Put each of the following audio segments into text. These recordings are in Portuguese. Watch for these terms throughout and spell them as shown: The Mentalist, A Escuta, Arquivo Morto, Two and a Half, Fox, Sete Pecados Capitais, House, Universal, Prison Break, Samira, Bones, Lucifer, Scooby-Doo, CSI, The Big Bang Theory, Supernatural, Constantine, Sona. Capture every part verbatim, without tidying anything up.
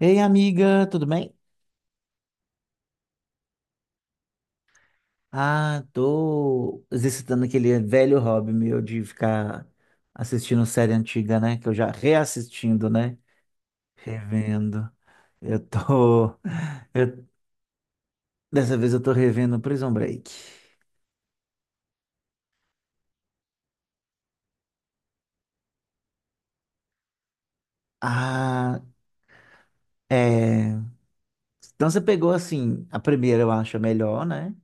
Ei, amiga, tudo bem? Ah, tô exercitando aquele velho hobby meu de ficar assistindo série antiga, né? Que eu já reassistindo, né? Revendo. Eu tô. eu- Dessa vez eu tô revendo Prison Break. Ah, é. Então você pegou assim, a primeira eu acho a melhor, né?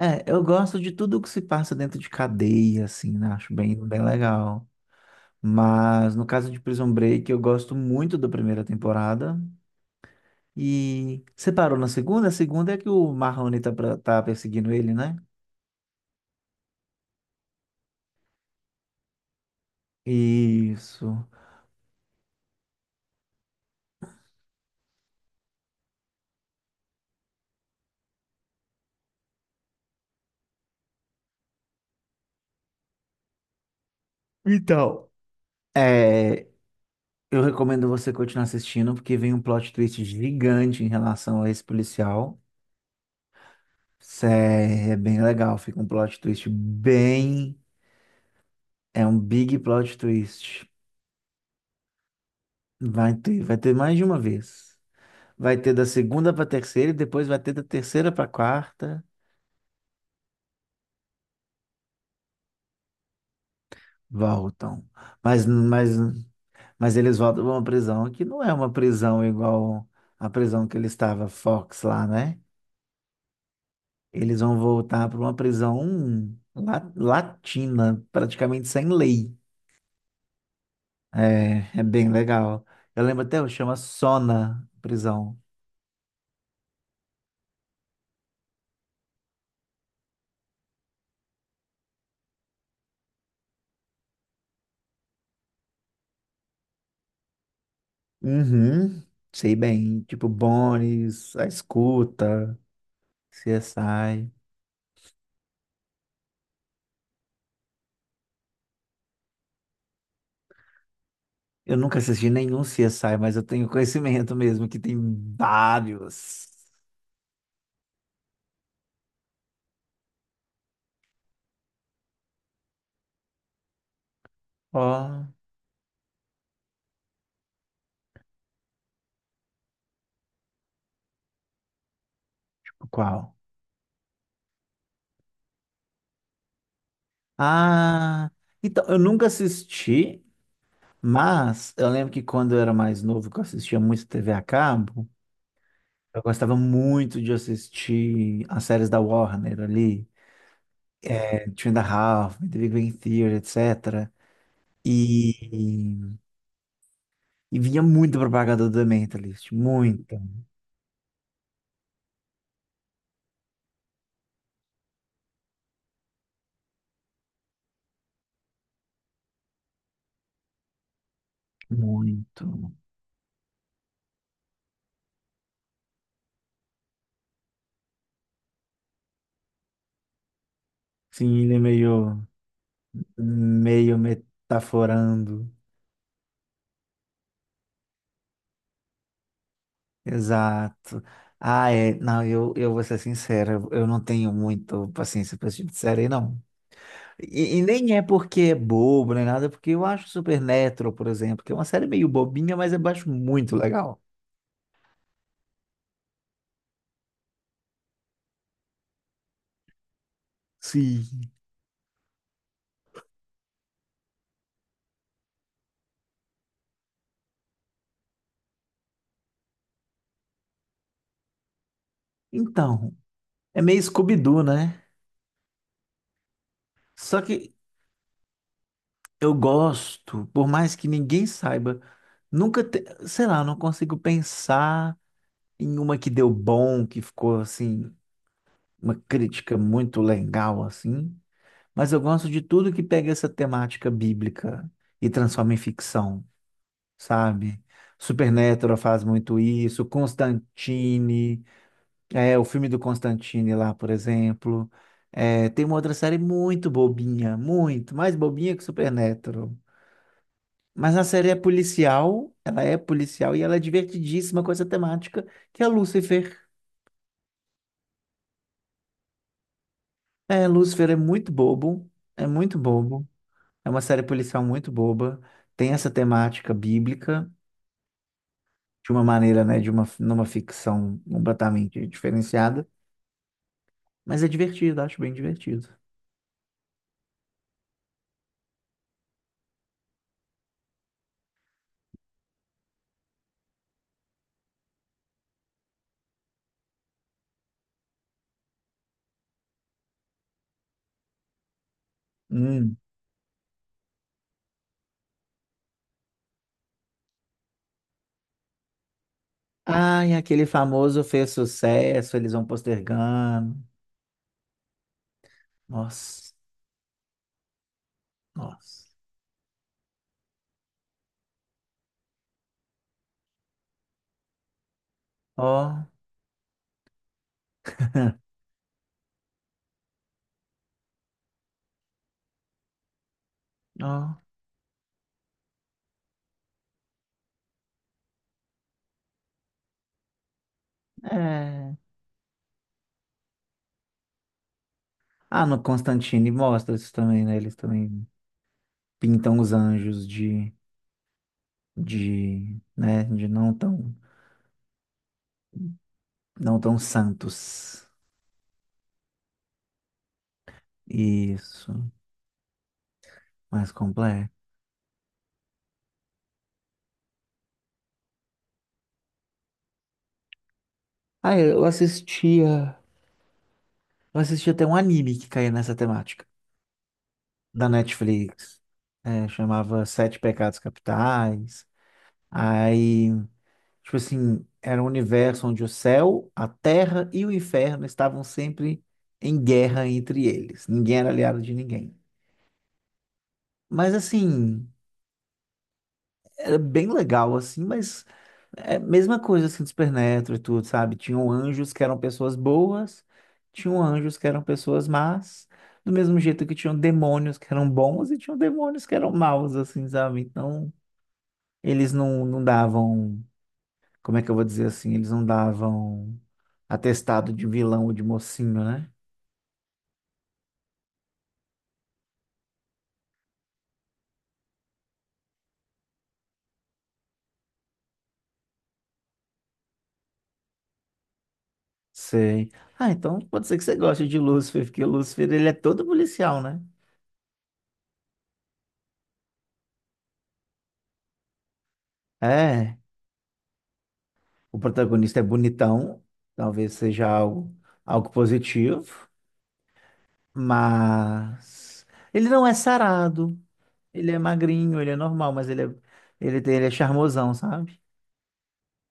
É, eu gosto de tudo que se passa dentro de cadeia, assim, né? Acho bem, bem legal. Mas no caso de Prison Break, eu gosto muito da primeira temporada. E você parou na segunda? A segunda é que o Marrone tá, pra- tá perseguindo ele, né? Isso. Então, é, eu recomendo você continuar assistindo, porque vem um plot twist gigante em relação a esse policial. Isso é, é bem legal, fica um plot twist bem. É um big plot twist. Vai ter, vai ter mais de uma vez. Vai ter da segunda pra terceira e depois vai ter da terceira pra quarta. Voltam. Mas, mas Mas eles voltam pra uma prisão que não é uma prisão igual a prisão que ele estava, Fox, lá, né? Eles vão voltar para uma prisão hum, la- latina, praticamente sem lei. É, é bem legal. Eu lembro até, o chama Sona prisão. Uhum, sei bem. Tipo, Bones, A Escuta, C S I. Eu nunca assisti nenhum C S I, mas eu tenho conhecimento mesmo que tem vários. Ó, qual? Ah, então, eu nunca assisti, mas eu lembro que quando eu era mais novo, que eu assistia muito T V a cabo, eu gostava muito de assistir as séries da Warner ali, eh, Two and a Half, The Big Bang Theory, etcétera. E, e vinha muita propaganda do The Mentalist, muita, muito. Sim, ele é meio, meio metaforando. Exato. Ah, é. Não, eu, eu vou ser sincero, eu não tenho muito paciência para esse tipo de série, não. E, e nem é porque é bobo, nem nada, é porque eu acho Supernatural, por exemplo, que é uma série meio bobinha, mas eu acho muito legal. Sim. Então, é meio Scooby-Doo, né? Só que eu gosto, por mais que ninguém saiba, nunca, te... sei lá, eu não consigo pensar em uma que deu bom, que ficou assim, uma crítica muito legal, assim. Mas eu gosto de tudo que pega essa temática bíblica e transforma em ficção, sabe? Supernatural faz muito isso, Constantine, é, o filme do Constantine lá, por exemplo. É, tem uma outra série muito bobinha, muito, mais bobinha que Supernatural. Mas a série é policial, ela é policial e ela é divertidíssima com essa temática, que é Lucifer. É, Lúcifer é muito bobo, é muito bobo. É uma série policial muito boba, tem essa temática bíblica. de uma maneira, né, de uma, numa ficção completamente diferenciada, mas é divertido, acho bem divertido. Hum. Ai, aquele famoso fez sucesso, eles vão postergando. Nossa, nossa. Ó, ó, é. Ah, no Constantine mostra isso também, né? Eles também pintam os anjos de, de, né, de não tão, não tão santos. Isso, mais completo. Ah, eu assistia. Eu assisti até um anime que caía nessa temática, da Netflix. É, chamava Sete Pecados Capitais. Aí, tipo assim, era um universo onde o céu, a terra e o inferno estavam sempre em guerra entre eles. Ninguém era aliado de ninguém. Mas assim. Era bem legal, assim, mas é a mesma coisa assim do Supernatural e tudo, sabe? Tinham anjos que eram pessoas boas, tinham anjos que eram pessoas más, do mesmo jeito que tinham demônios que eram bons e tinham demônios que eram maus, assim, sabe? Então, eles não, não davam, como é que eu vou dizer assim? Eles não davam atestado de vilão ou de mocinho, né? Sei. Ah, então pode ser que você goste de Lúcifer, porque o Lúcifer, ele é todo policial, né? É. O protagonista é bonitão, talvez seja algo, algo positivo, mas ele não é sarado, ele é magrinho, ele é normal, mas ele é, ele tem, ele é charmosão, sabe?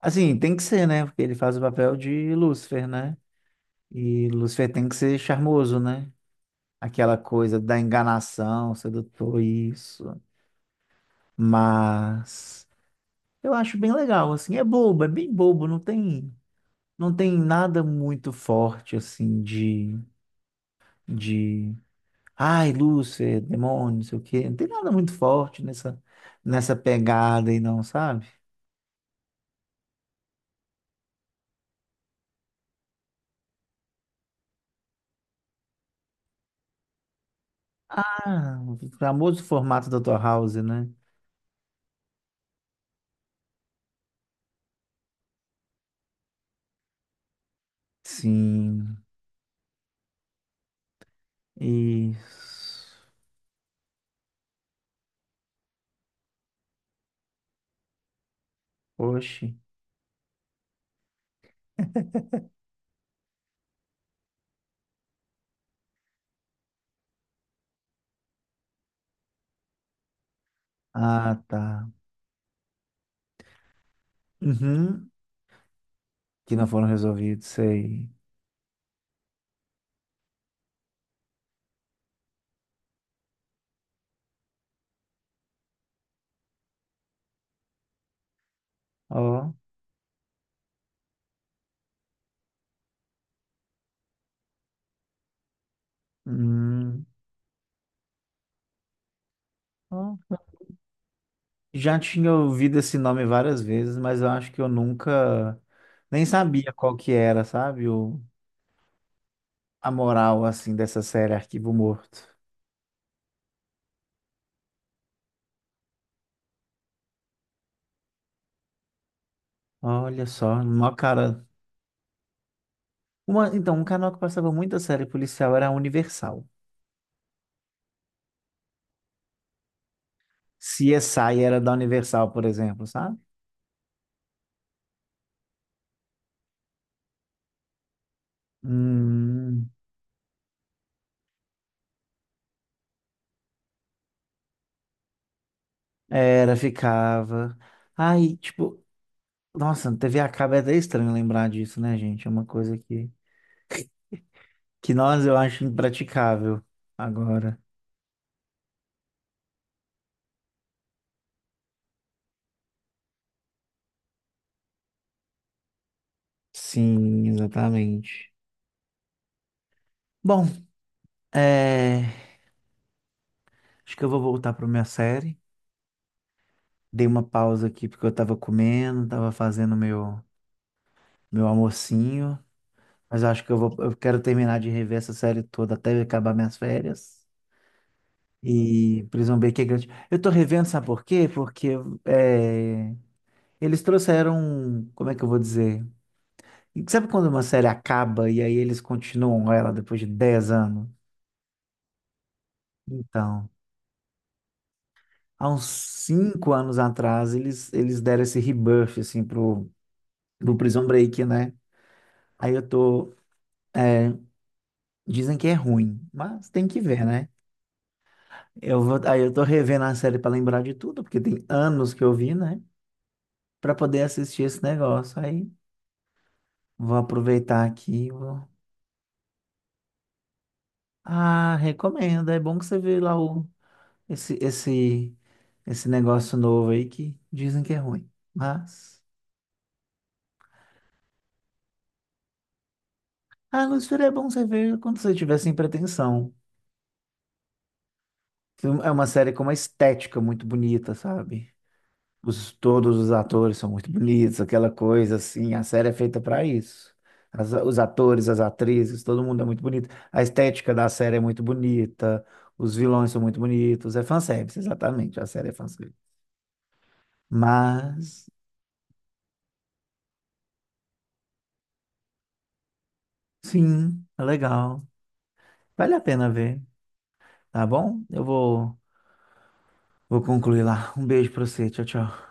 Assim, tem que ser, né? Porque ele faz o papel de Lúcifer, né? E Lúcifer tem que ser charmoso, né? Aquela coisa da enganação, sedutor, isso. Mas eu acho bem legal, assim, é bobo, é bem bobo, não tem, não tem nada muito forte, assim, de de ai, Lúcifer, demônio, não sei o quê. Não tem nada muito forte nessa, nessa pegada aí, não, sabe? Ah, o famoso formato da tua House, né? Sim. Isso. Oxe. Ah, tá. Uhum. Que não foram resolvidos, sei. Ó. Hum. Ó. Já tinha ouvido esse nome várias vezes, mas eu acho que eu nunca nem sabia qual que era, sabe? O, a moral, assim, dessa série Arquivo Morto. Olha só, uma cara. Uma, então, um canal que passava muita série policial era a Universal. C S I era da Universal, por exemplo, sabe? Hum, era, ficava. Aí, tipo, nossa, T V a cabo é até estranho lembrar disso, né, gente? É uma coisa que, que nós eu acho impraticável agora. Sim, exatamente. Bom, é, acho que eu vou voltar para minha série. Dei uma pausa aqui porque eu tava comendo, tava fazendo meu, meu almocinho. Mas eu acho que eu vou, eu quero terminar de rever essa série toda até acabar minhas férias. E Prison Break é grande. Eu tô revendo, sabe por quê? Porque é, eles trouxeram, um, como é que eu vou dizer? E sabe quando uma série acaba e aí eles continuam ela depois de dez anos? Então, há uns cinco anos atrás, eles, eles deram esse rebuff, assim, pro, pro Prison Break, né? Aí eu tô é, dizem que é ruim, mas tem que ver, né? Eu vou, aí eu tô revendo a série pra lembrar de tudo, porque tem anos que eu vi, né? Pra poder assistir esse negócio. Aí vou aproveitar aqui. E vou... Ah, recomendo. É bom que você vê lá o, esse, esse, esse negócio novo aí que dizem que é ruim. Mas. Ah, Lucifer, é bom você ver quando você tiver sem pretensão. Filme- É uma série com uma estética muito bonita, sabe? Os, todos os atores são muito bonitos, aquela coisa assim. A série é feita para isso. As- os atores, as atrizes, todo mundo é muito bonito. A estética da série é muito bonita. Os vilões são muito bonitos. É fanservice, exatamente. A série é fanservice. Mas, sim, é legal. Vale a pena ver, tá bom? Eu vou, vou concluir lá. Um beijo pra você. Tchau, tchau.